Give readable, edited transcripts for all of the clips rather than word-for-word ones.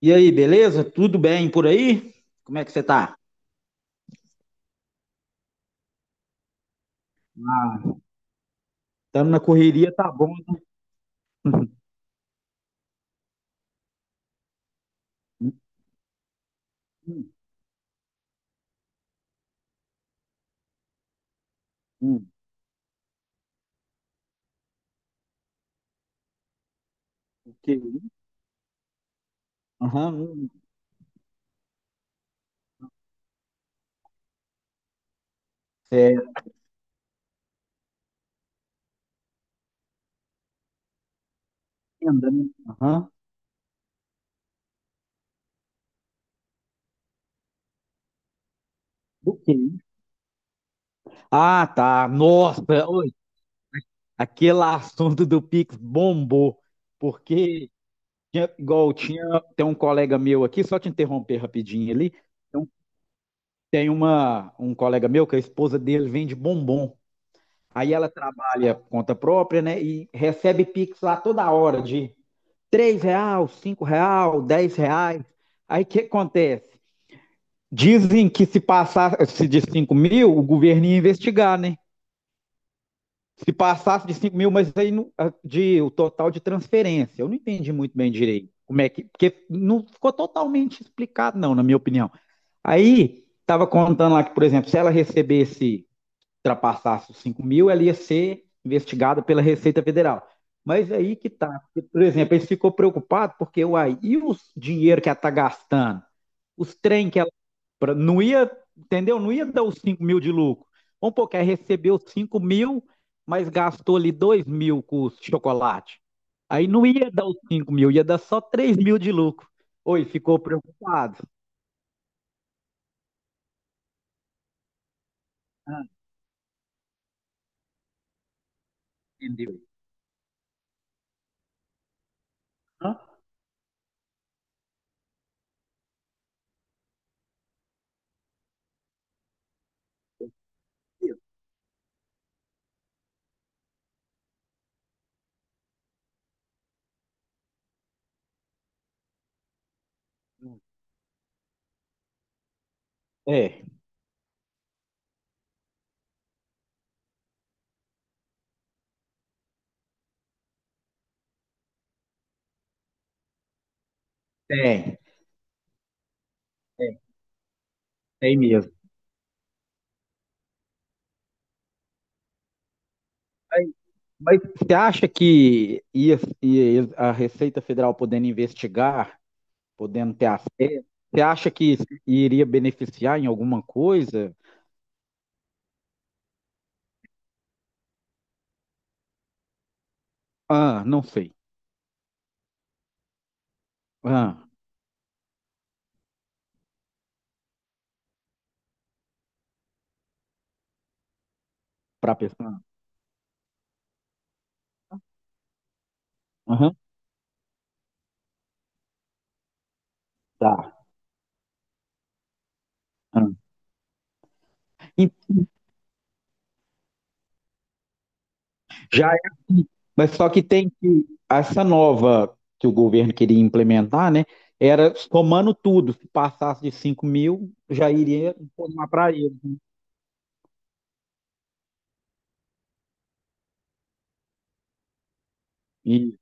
E aí, beleza? Tudo bem por aí? Como é que você tá? Ah, estamos na correria, tá bom, né? Hum, hum, do que isso? Aham, é, renda, né? Aham, do que isso? Ah, tá. Nossa, oi, aquele assunto do Pix bombou, porque igual tinha, tem um colega meu aqui, só te interromper rapidinho ali. Então, tem um colega meu que a esposa dele vende bombom. Aí ela trabalha por conta própria, né? E recebe Pix lá toda hora de R$ 3, R$ 5, R$ 10. Aí o que acontece? Dizem que se passasse de 5.000, o governo ia investigar, né? Se passasse de 5 mil, mas aí no, de, o total de transferência. Eu não entendi muito bem direito como é que. Porque não ficou totalmente explicado, não, na minha opinião. Aí estava contando lá que, por exemplo, se ela recebesse ultrapassasse os 5.000, ela ia ser investigada pela Receita Federal. Mas é aí que tá. Porque, por exemplo, eles ficou preocupado porque uai, e os dinheiro que ela tá gastando? Os trem que ela compra, não ia, entendeu? Não ia dar os 5.000 de lucro. Vamos pôr que ela recebeu 5.000, mas gastou ali 2.000 com o chocolate. Aí não ia dar os 5.000, ia dar só 3.000 de lucro. Oi, ficou preocupado. Ah, entendeu? Hã? É, tem, tem, tem mesmo. Mas você acha que a Receita Federal podendo investigar, podendo ter acesso, você acha que isso iria beneficiar em alguma coisa? Ah, não sei. Ah, para a pessoa. Aham, tá. Ah. E já, mas só que tem que essa nova que o governo queria implementar, né? Era somando tudo. Se passasse de 5 mil, já iria informar para ele. E,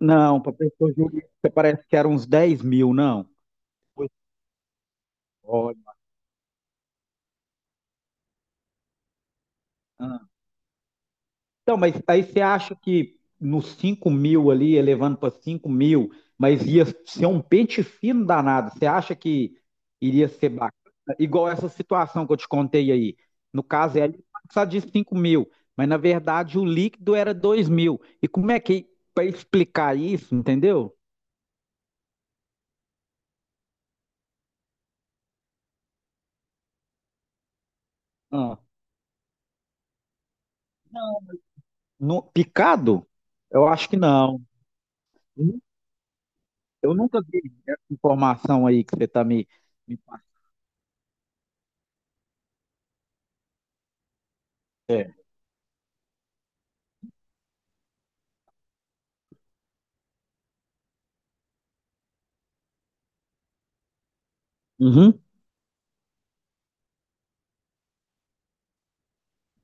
não, para pessoa jurídica parece que era uns 10.000, não. Pois. Ah. Então, mas aí você acha que nos 5.000 ali, elevando para 5.000, mas ia ser um pente fino danado. Você acha que iria ser bacana? Igual essa situação que eu te contei aí. No caso, ele passar de 5.000, mas na verdade o líquido era 2.000. E como é que, para explicar isso, entendeu? Ah, no, picado? Eu acho que não. Eu nunca vi essa informação aí que você está me passando. É. Uhum.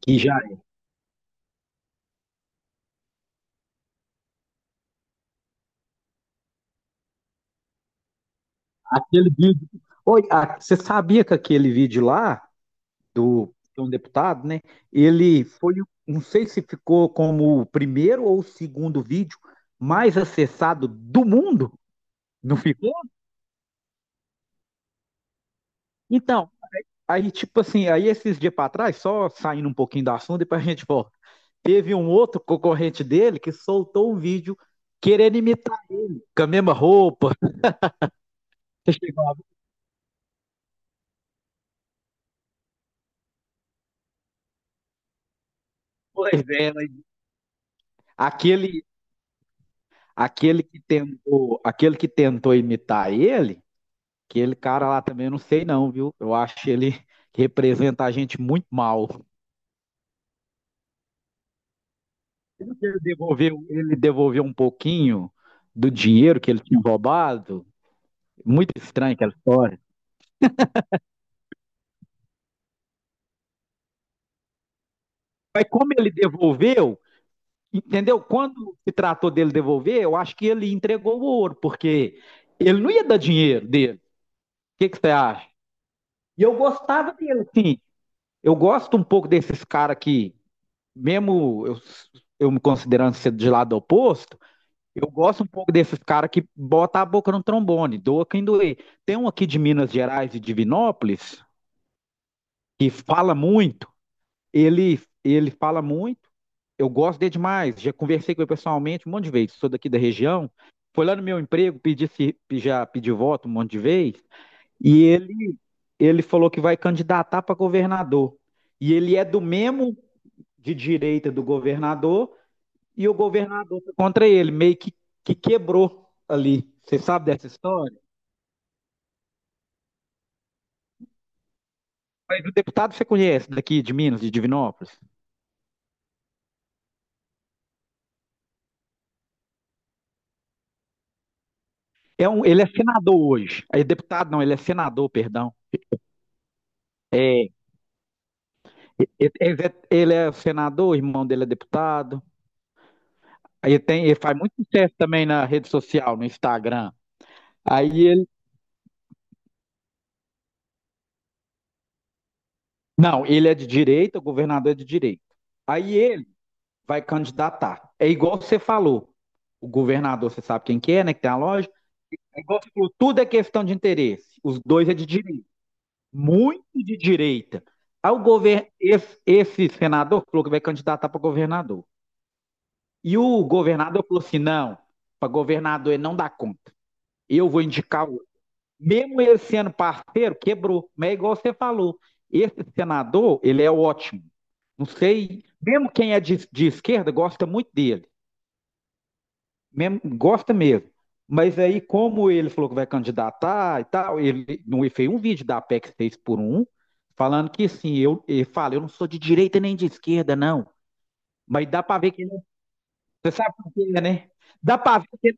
Que já. Aquele vídeo. Oi, você sabia que aquele vídeo lá do de um deputado, né? Ele foi, não sei se ficou como o primeiro ou o segundo vídeo mais acessado do mundo, não ficou? Então, aí tipo assim, aí esses dias para trás, só saindo um pouquinho do assunto, depois a gente volta. Teve um outro concorrente dele que soltou um vídeo querendo imitar com a mesma roupa. Você chegou a- Pois é, mas aquele aquele que tentou, imitar ele. Aquele cara lá também eu não sei não, viu? Eu acho ele que representa a gente muito mal. Sendo que ele devolveu, ele devolveu um pouquinho do dinheiro que ele tinha roubado. Muito estranha aquela história. Mas como ele devolveu, entendeu? Quando se tratou dele devolver, eu acho que ele entregou o ouro, porque ele não ia dar dinheiro dele. O que, que você acha? E eu gostava dele, sim. Eu gosto um pouco desses caras que, mesmo eu me considerando ser de lado oposto, eu gosto um pouco desses caras que botam a boca no trombone, doa quem doer. Tem um aqui de Minas Gerais e Divinópolis que fala muito, ele fala muito, eu gosto dele demais, já conversei com ele pessoalmente um monte de vezes, sou daqui da região, foi lá no meu emprego, pedi, já pedi voto um monte de vezes, e ele falou que vai candidatar para governador. E ele é do mesmo de direita do governador, e o governador foi contra ele, meio que quebrou ali. Você sabe dessa história? Mas o deputado você conhece daqui de Minas, de Divinópolis? É um, ele é senador hoje. É deputado, não, ele é senador, perdão. Ele é senador, o irmão dele é deputado. Aí ele tem, ele faz muito sucesso também na rede social, no Instagram. Aí ele. Não, ele é de direita, o governador é de direita. Aí ele vai candidatar. É igual você falou. O governador, você sabe quem que é, né? Que tem a loja. É igual você falou, tudo é questão de interesse. Os dois é de direita, muito de direita. Aí o governo, esse senador falou que vai candidatar para governador. E o governador falou assim: não, para governador ele não dá conta. Eu vou indicar o outro. Mesmo ele sendo parceiro, quebrou. Mas é igual você falou: esse senador, ele é ótimo. Não sei, mesmo quem é de esquerda gosta muito dele. Mesmo, gosta mesmo. Mas aí, como ele falou que vai candidatar e tal, ele, não, ele fez um vídeo da PEC 6x1 falando que assim, eu, ele fala, eu não sou de direita nem de esquerda, não. Mas dá pra ver que ele. Você sabe por quê, né? Dá pra ver,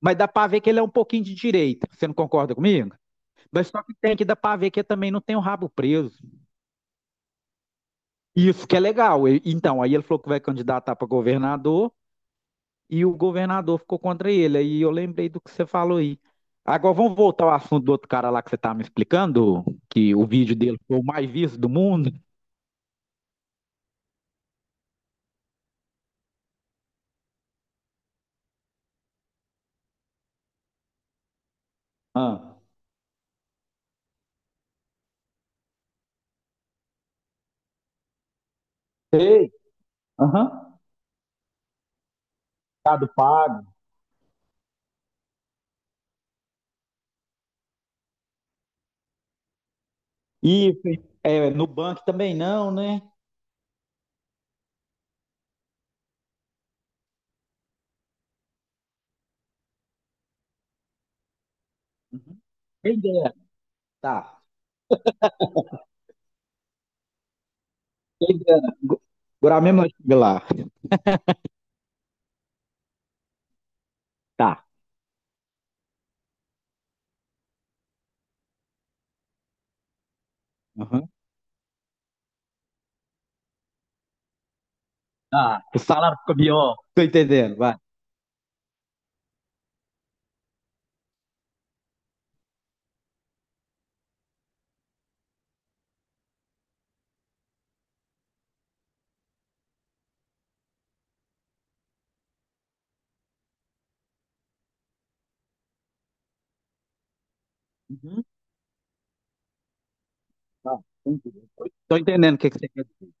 mas dá pra ver que ele é um pouquinho de direita. Você não concorda comigo? Mas só que tem que dar pra ver que ele também não tem o rabo preso. Isso que é legal. E- Então, aí ele falou que vai candidatar pra governador, e o governador ficou contra ele. Aí eu lembrei do que você falou aí. Agora vamos voltar ao assunto do outro cara lá que você estava me explicando, que o vídeo dele foi o mais visto do mundo. Ah, sei. Aham. Mercado Pago. Isso. Hein? É, Nubank também não, né? Uhum. Quem dera. Tá. Quem dera. Go- Agora mesmo nós chega lá. Tá. Uhum. Tá. O salário fica pior. Tô entendendo, vai. Uhum. Tá. Tô entendendo. Tô entendendo o que que você quer dizer.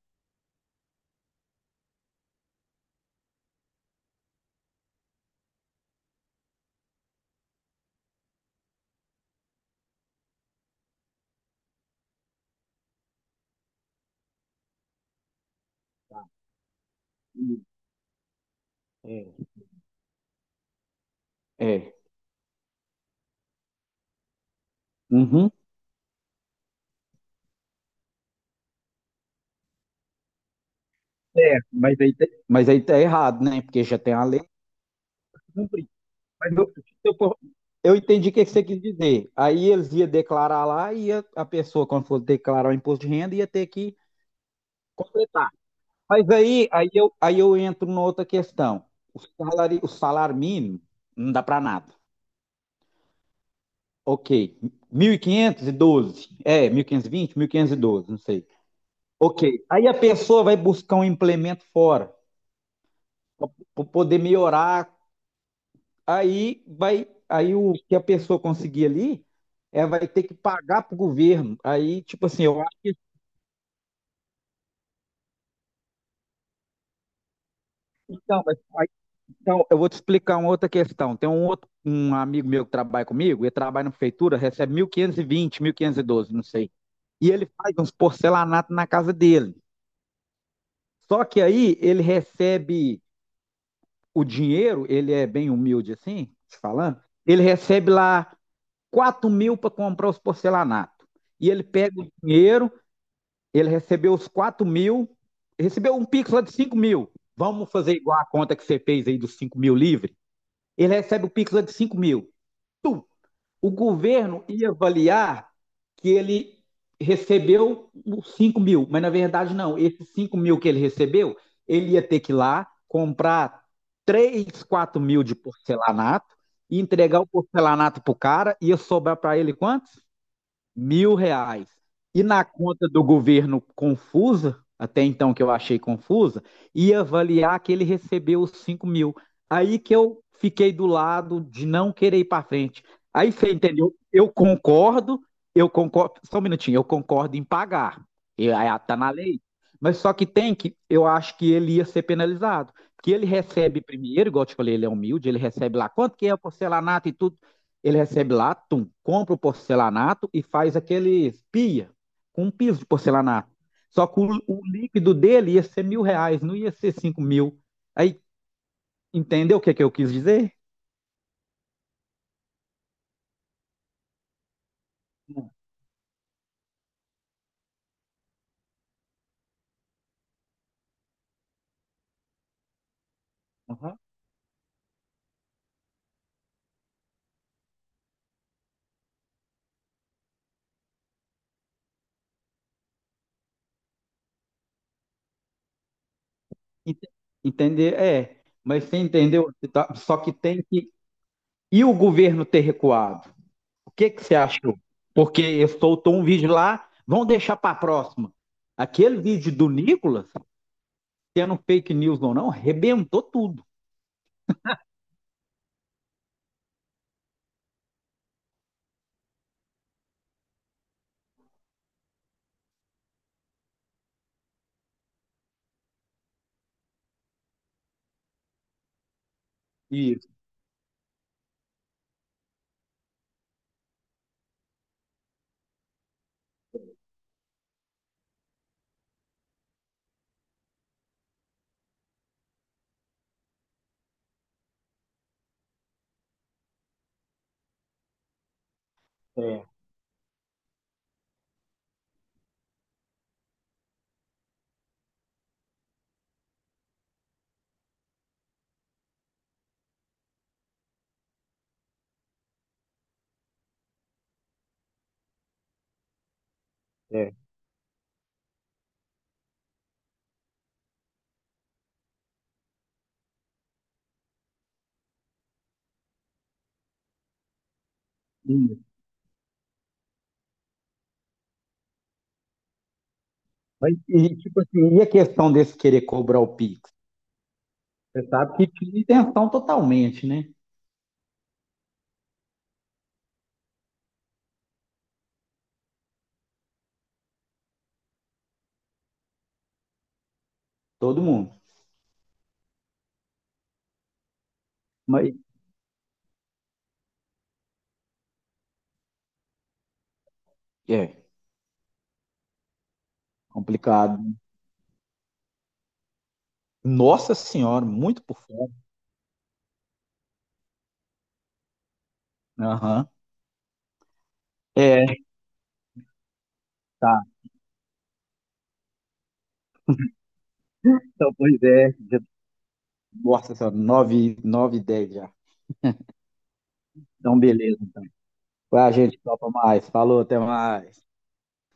Tá. Uhum. É. É. Uhum. É, mas aí, mas aí tá errado, né? Porque já tem a lei pra cumprir. Mas eu, se eu for- eu entendi o que que você quis dizer. Aí eles iam declarar lá e a pessoa, quando fosse declarar o imposto de renda, ia ter que completar. Mas aí, aí eu entro numa outra questão. O salário mínimo não dá para nada. Ok. Mil e quinhentos e doze. É, mil quinhentos e vinte, mil quinhentos e doze, não sei. Ok. Aí a pessoa vai buscar um implemento fora, para poder melhorar. Aí vai, aí o que a pessoa conseguir ali, ela vai ter que pagar para o governo. Aí, tipo assim, eu acho que. Então, então, eu vou te explicar uma outra questão. Tem um outro, um amigo meu que trabalha comigo, ele trabalha na prefeitura, recebe mil quinhentos e vinte mil quinhentos e doze não sei. E ele faz uns porcelanatos na casa dele. Só que aí ele recebe o dinheiro, ele é bem humilde assim, te falando, ele recebe lá 4.000 para comprar os porcelanatos. E ele pega o dinheiro. Ele recebeu os 4.000, recebeu um Pix lá de 5.000. Vamos fazer igual a conta que você fez aí dos 5.000 livre? Ele recebe o Pix lá de 5.000. O governo ia avaliar que ele recebeu os 5.000, mas na verdade não. Esses 5.000 que ele recebeu, ele ia ter que ir lá comprar 3, 4.000 de porcelanato, e entregar o porcelanato pro cara, ia sobrar para ele quantos? R$ 1.000. E na conta do governo confusa, até então que eu achei confusa, ia avaliar que ele recebeu os cinco mil. Aí que eu fiquei do lado de não querer ir para frente. Aí você entendeu? Eu concordo, eu concordo. Só um minutinho, eu concordo em pagar. Está na lei. Mas só que tem que, eu acho que ele ia ser penalizado. Que ele recebe primeiro, igual eu te falei, ele é humilde, ele recebe lá quanto que é o porcelanato e tudo. Ele recebe lá, tum, compra o porcelanato e faz aquele pia com um piso de porcelanato. Só que o líquido dele ia ser R$ 1.000, não ia ser 5.000. Aí, entendeu o que, que eu quis dizer? Aham. Ent- Entender, é. Mas você entendeu? Tá- Só que tem que. E o governo ter recuado? O que que você achou? Porque eu soltou um vídeo lá, vão deixar para a próxima. Aquele vídeo do Nicolas, sendo fake news ou não, arrebentou tudo. Isso, é, é. Sim. Mas, e, tipo assim, e a questão desse querer cobrar o Pix? Você sabe que tinha intenção totalmente, né? Todo mundo. Mas é complicado. Nossa senhora, muito por fora. Aham. É, tá. Então, pois é. Nossa senhora, 9 9 e 10 já. Então, beleza. Então. Vai, gente, topa mais. Falou, até mais.